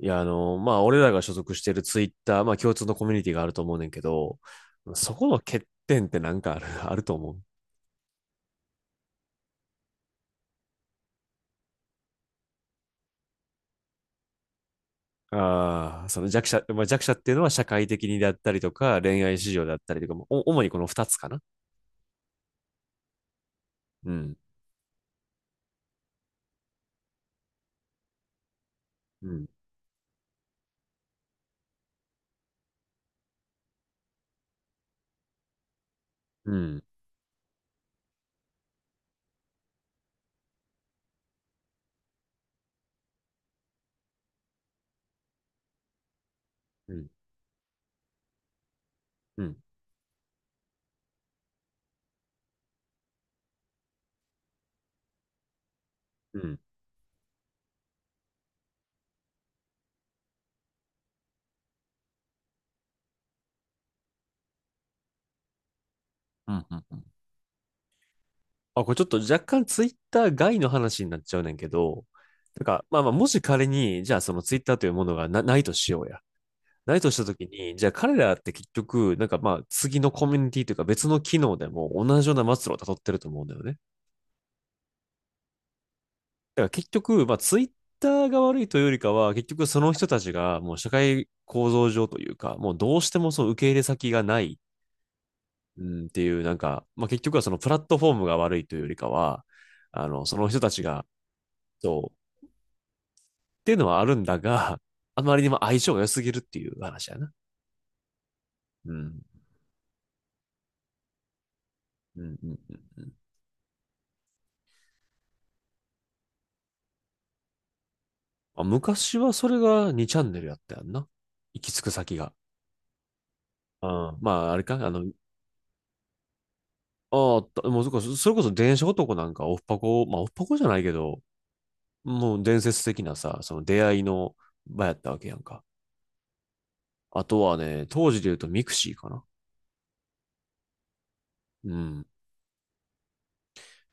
俺らが所属しているツイッター、まあ、共通のコミュニティがあると思うねんけど、そこの欠点ってなんかある、あると思う。ああ、その弱者、まあ、弱者っていうのは社会的にだったりとか、恋愛市場だったりとかも、お主にこの二つかな。うん。うん。うん。うん。うん。うん。うん。うんうんあ、これちょっと若干ツイッター外の話になっちゃうねんけど、もし仮に、じゃあそのツイッターというものがな、ないとしようや。ないとしたときに、じゃあ彼らって結局、なんかまあ次のコミュニティというか別の機能でも同じような末路を辿ってると思うんだよね。だから結局、まあツイッターが悪いというよりかは、結局その人たちがもう社会構造上というか、もうどうしてもその受け入れ先がない、うん、っていう、なんか、まあ結局はそのプラットフォームが悪いというよりかは、その人たちが、そう、っていうのはあるんだが、あまりにも相性が良すぎるっていう話やな。うん。うんうんうんうんあ、昔はそれが2チャンネルやったやんな。行き着く先が。うん。まあ、あれか、ああ、たもうそこ、それこそ電車男なんかオフパコ、まあオフパコじゃないけど、もう伝説的なさ、その出会いの場やったわけやんか。あとはね、当時で言うとミクシーかな。うん。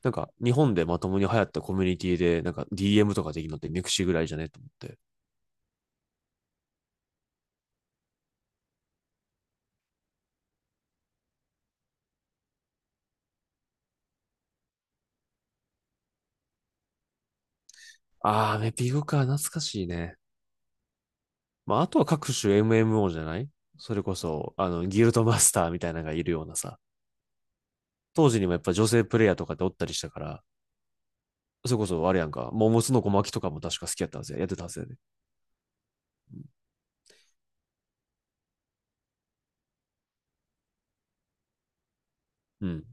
なんか、日本でまともに流行ったコミュニティで、なんか DM とかできるのってミクシーぐらいじゃねと思って。ああ、メピグか、懐かしいね。まあ、あとは各種 MMO じゃないそれこそ、ギルドマスターみたいなのがいるようなさ。当時にもやっぱ女性プレイヤーとかでおったりしたから、それこそあれやんか、桃の小巻きとかも確か好きやったはずや、やってたはずやで。ねうん。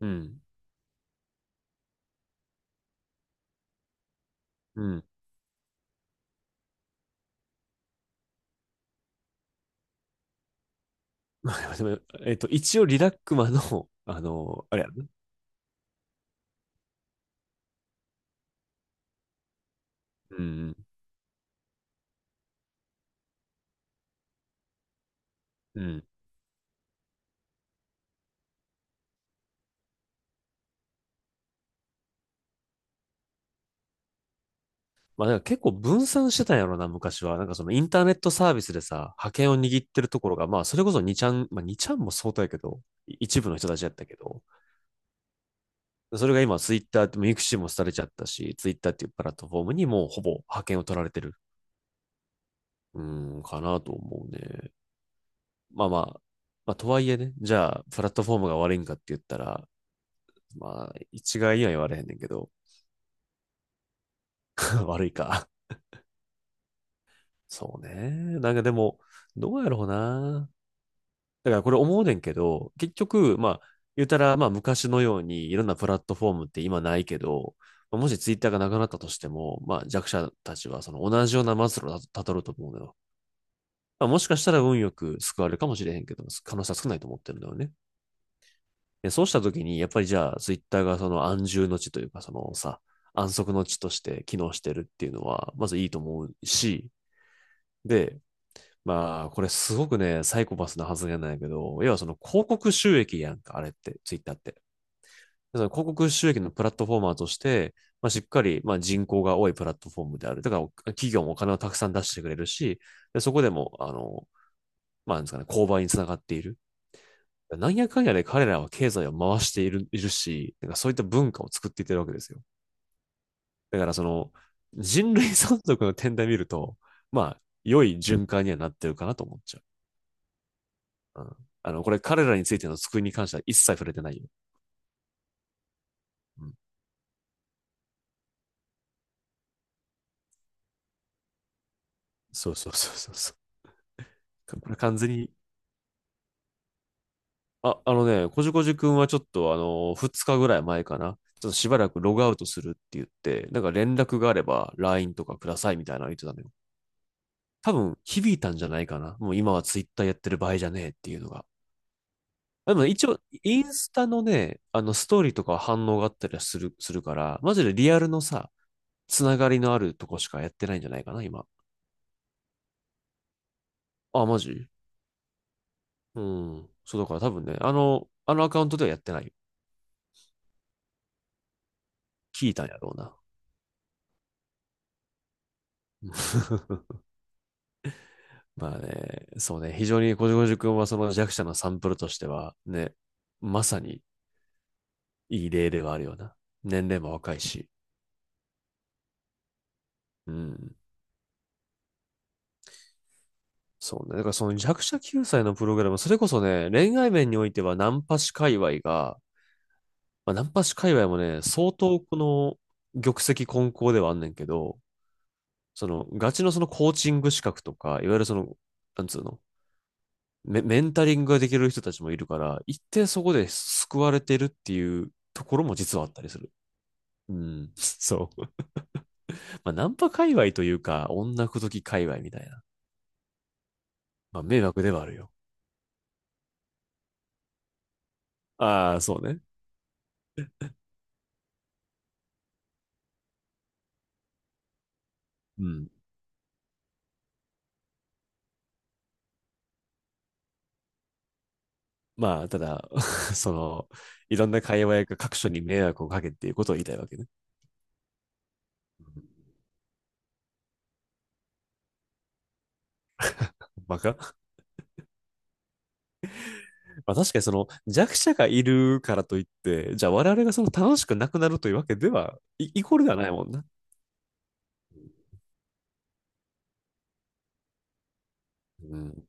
うん。うん。でえっと、一応リラックマの、あれやんね。うん。うん。まあ、んか結構分散してたんやろな、昔は。なんかそのインターネットサービスでさ、覇権を握ってるところが、まあ、それこそ2ちゃん、まあ、にちゃんも相当やけど、一部の人たちやったけど、それが今ツイッターって、ミクシーも廃れちゃったし、ツイッターっていうプラットフォームにもうほぼ覇権を取られてる。うん、かなと思うね。まあまあ、まあとはいえね、じゃあ、プラットフォームが悪いんかって言ったら、まあ、一概には言われへんねんけど、悪いか。そうね。なんかでも、どうやろうな。だからこれ思うねんけど、結局、まあ、言うたら、まあ昔のようにいろんなプラットフォームって今ないけど、もしツイッターがなくなったとしても、まあ弱者たちはその同じような末路をたたどると思うのよ。まあもしかしたら運よく救われるかもしれへんけど、可能性は少ないと思ってるんだよね。で、そうしたときに、やっぱりじゃあ、ツイッターがその安住の地というか、そのさ、安息の地として機能してるっていうのは、まずいいと思うし、で、まあ、これすごくね、サイコパスな発言なんやけど、要はその広告収益やんか、あれって、ツイッターって。その広告収益のプラットフォーマーとして、まあ、しっかり、まあ、人口が多いプラットフォームである。だから、企業もお金をたくさん出してくれるし、でそこでも、まあ、なんですかね、購買につながっている。なんやかんやで彼らは経済を回している、いるし、なんかそういった文化を作っていってるわけですよ。だからその人類存続の点で見ると、まあ、良い循環にはなってるかなと思っちゃう。うん、これ彼らについての救いに関しては一切触れてないよ。うん、そうそうそうそうそう。これ完全に、あ、あのね、こじこじくんはちょっとあの、2日ぐらい前かな。ちょっとしばらくログアウトするって言って、なんか連絡があれば LINE とかくださいみたいなの言ってたのよ。多分響いたんじゃないかな。もう今はツイッターやってる場合じゃねえっていうのが。でも一応、インスタのね、あのストーリーとかは反応があったりはする、するから、マジでリアルのさ、つながりのあるとこしかやってないんじゃないかな、今。あ、マジうん。そうだから多分ね、あのアカウントではやってない。聞いたんやろうな。まあね、そうね、非常にこじこじくんはその弱者のサンプルとしては、ね、まさにいい例ではあるような。年齢も若いし。うん。そうね。だからその弱者救済のプログラム、それこそね、恋愛面においてはナンパ師界隈が、まあ、ナンパ師界隈もね、相当この玉石混交ではあんねんけど、そのガチのそのコーチング資格とか、いわゆるその、なんつうの、メンタリングができる人たちもいるから、一定そこで救われてるっていうところも実はあったりする。うん、そう。まあ、ナンパ界隈というか、女口説き界隈みたいな。まあ、迷惑ではあるよ。ああ、そうね。うん。まあ、ただ、その、いろんな界隈が各所に迷惑をかけっていうことを言いたいわけね。バカまあ確かにその弱者がいるからといって、じゃあ我々がその楽しくなくなるというわけでは、イコールではないもんな。うん。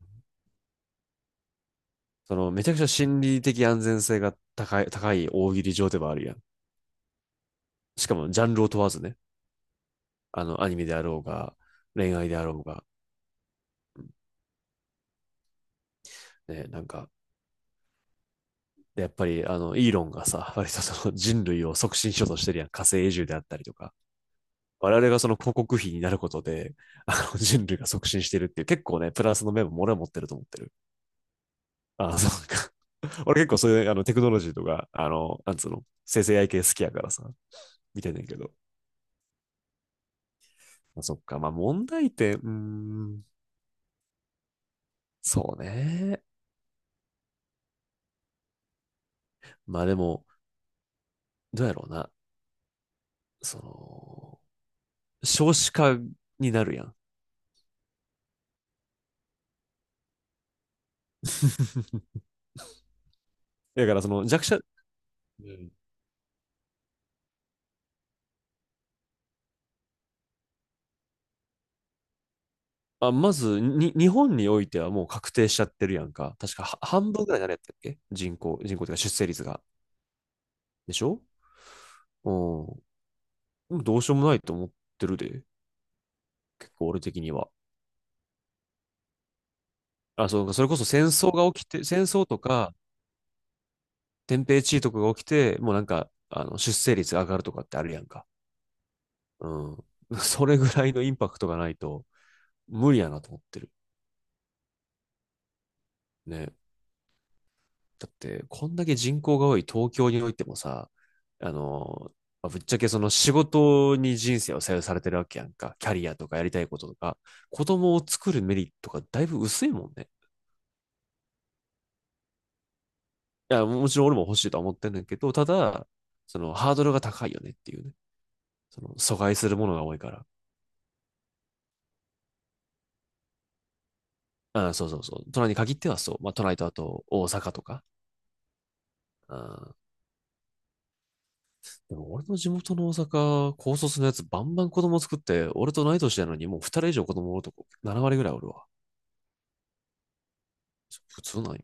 そのめちゃくちゃ心理的安全性が高い、高い大喜利上ではあるやん。しかもジャンルを問わずね。アニメであろうが、恋愛であろうが、ね、なんか、やっぱり、イーロンがさ、割とその人類を促進しようとしてるやん。火星移住であったりとか。我々がその広告費になることで、人類が促進してるっていう、結構ね、プラスの面も俺は持ってると思ってる。あ、そうか。俺結構そういう、テクノロジーとか、なんつうの、生成 AI 系好きやからさ、見てんねんけど。まあそっか。まあ、問題点、うーん、そうね。まあでも、どうやろうな。その、少子化になるやん。だからその弱者、うんあ、まず、に、日本においてはもう確定しちゃってるやんか。確かは半分ぐらい誰やったっけ人口、人口というか出生率が。でしょうん。でもどうしようもないと思ってるで。結構俺的には。あ、そう、それこそ戦争が起きて、戦争とか、天平地位とかが起きて、もうなんか、出生率が上がるとかってあるやんか。うん。それぐらいのインパクトがないと、無理やなと思ってる。ね。だって、こんだけ人口が多い東京においてもさ、あの、ぶっちゃけその仕事に人生を左右されてるわけやんか。キャリアとかやりたいこととか、子供を作るメリットがだいぶ薄いもんね。いや、もちろん俺も欲しいとは思ってんだけど、ただ、そのハードルが高いよねっていうね。その阻害するものが多いから。ああそうそうそう。都内に限ってはそう。まあ、都内とあと大阪とか。ああでも俺の地元の大阪、高卒のやつバンバン子供作って、俺と同い年なのにもう2人以上子供おるとこ7割ぐらいおるわ。普通なんよ。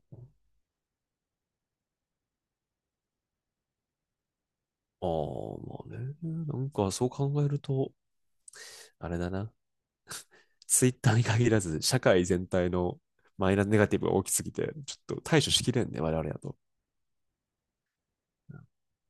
ああ、まあね。なんかそう考えると、あれだな。ツイッターに限らず、社会全体のマイナスネガティブが大きすぎて、ちょっと対処しきれんね、我々だと。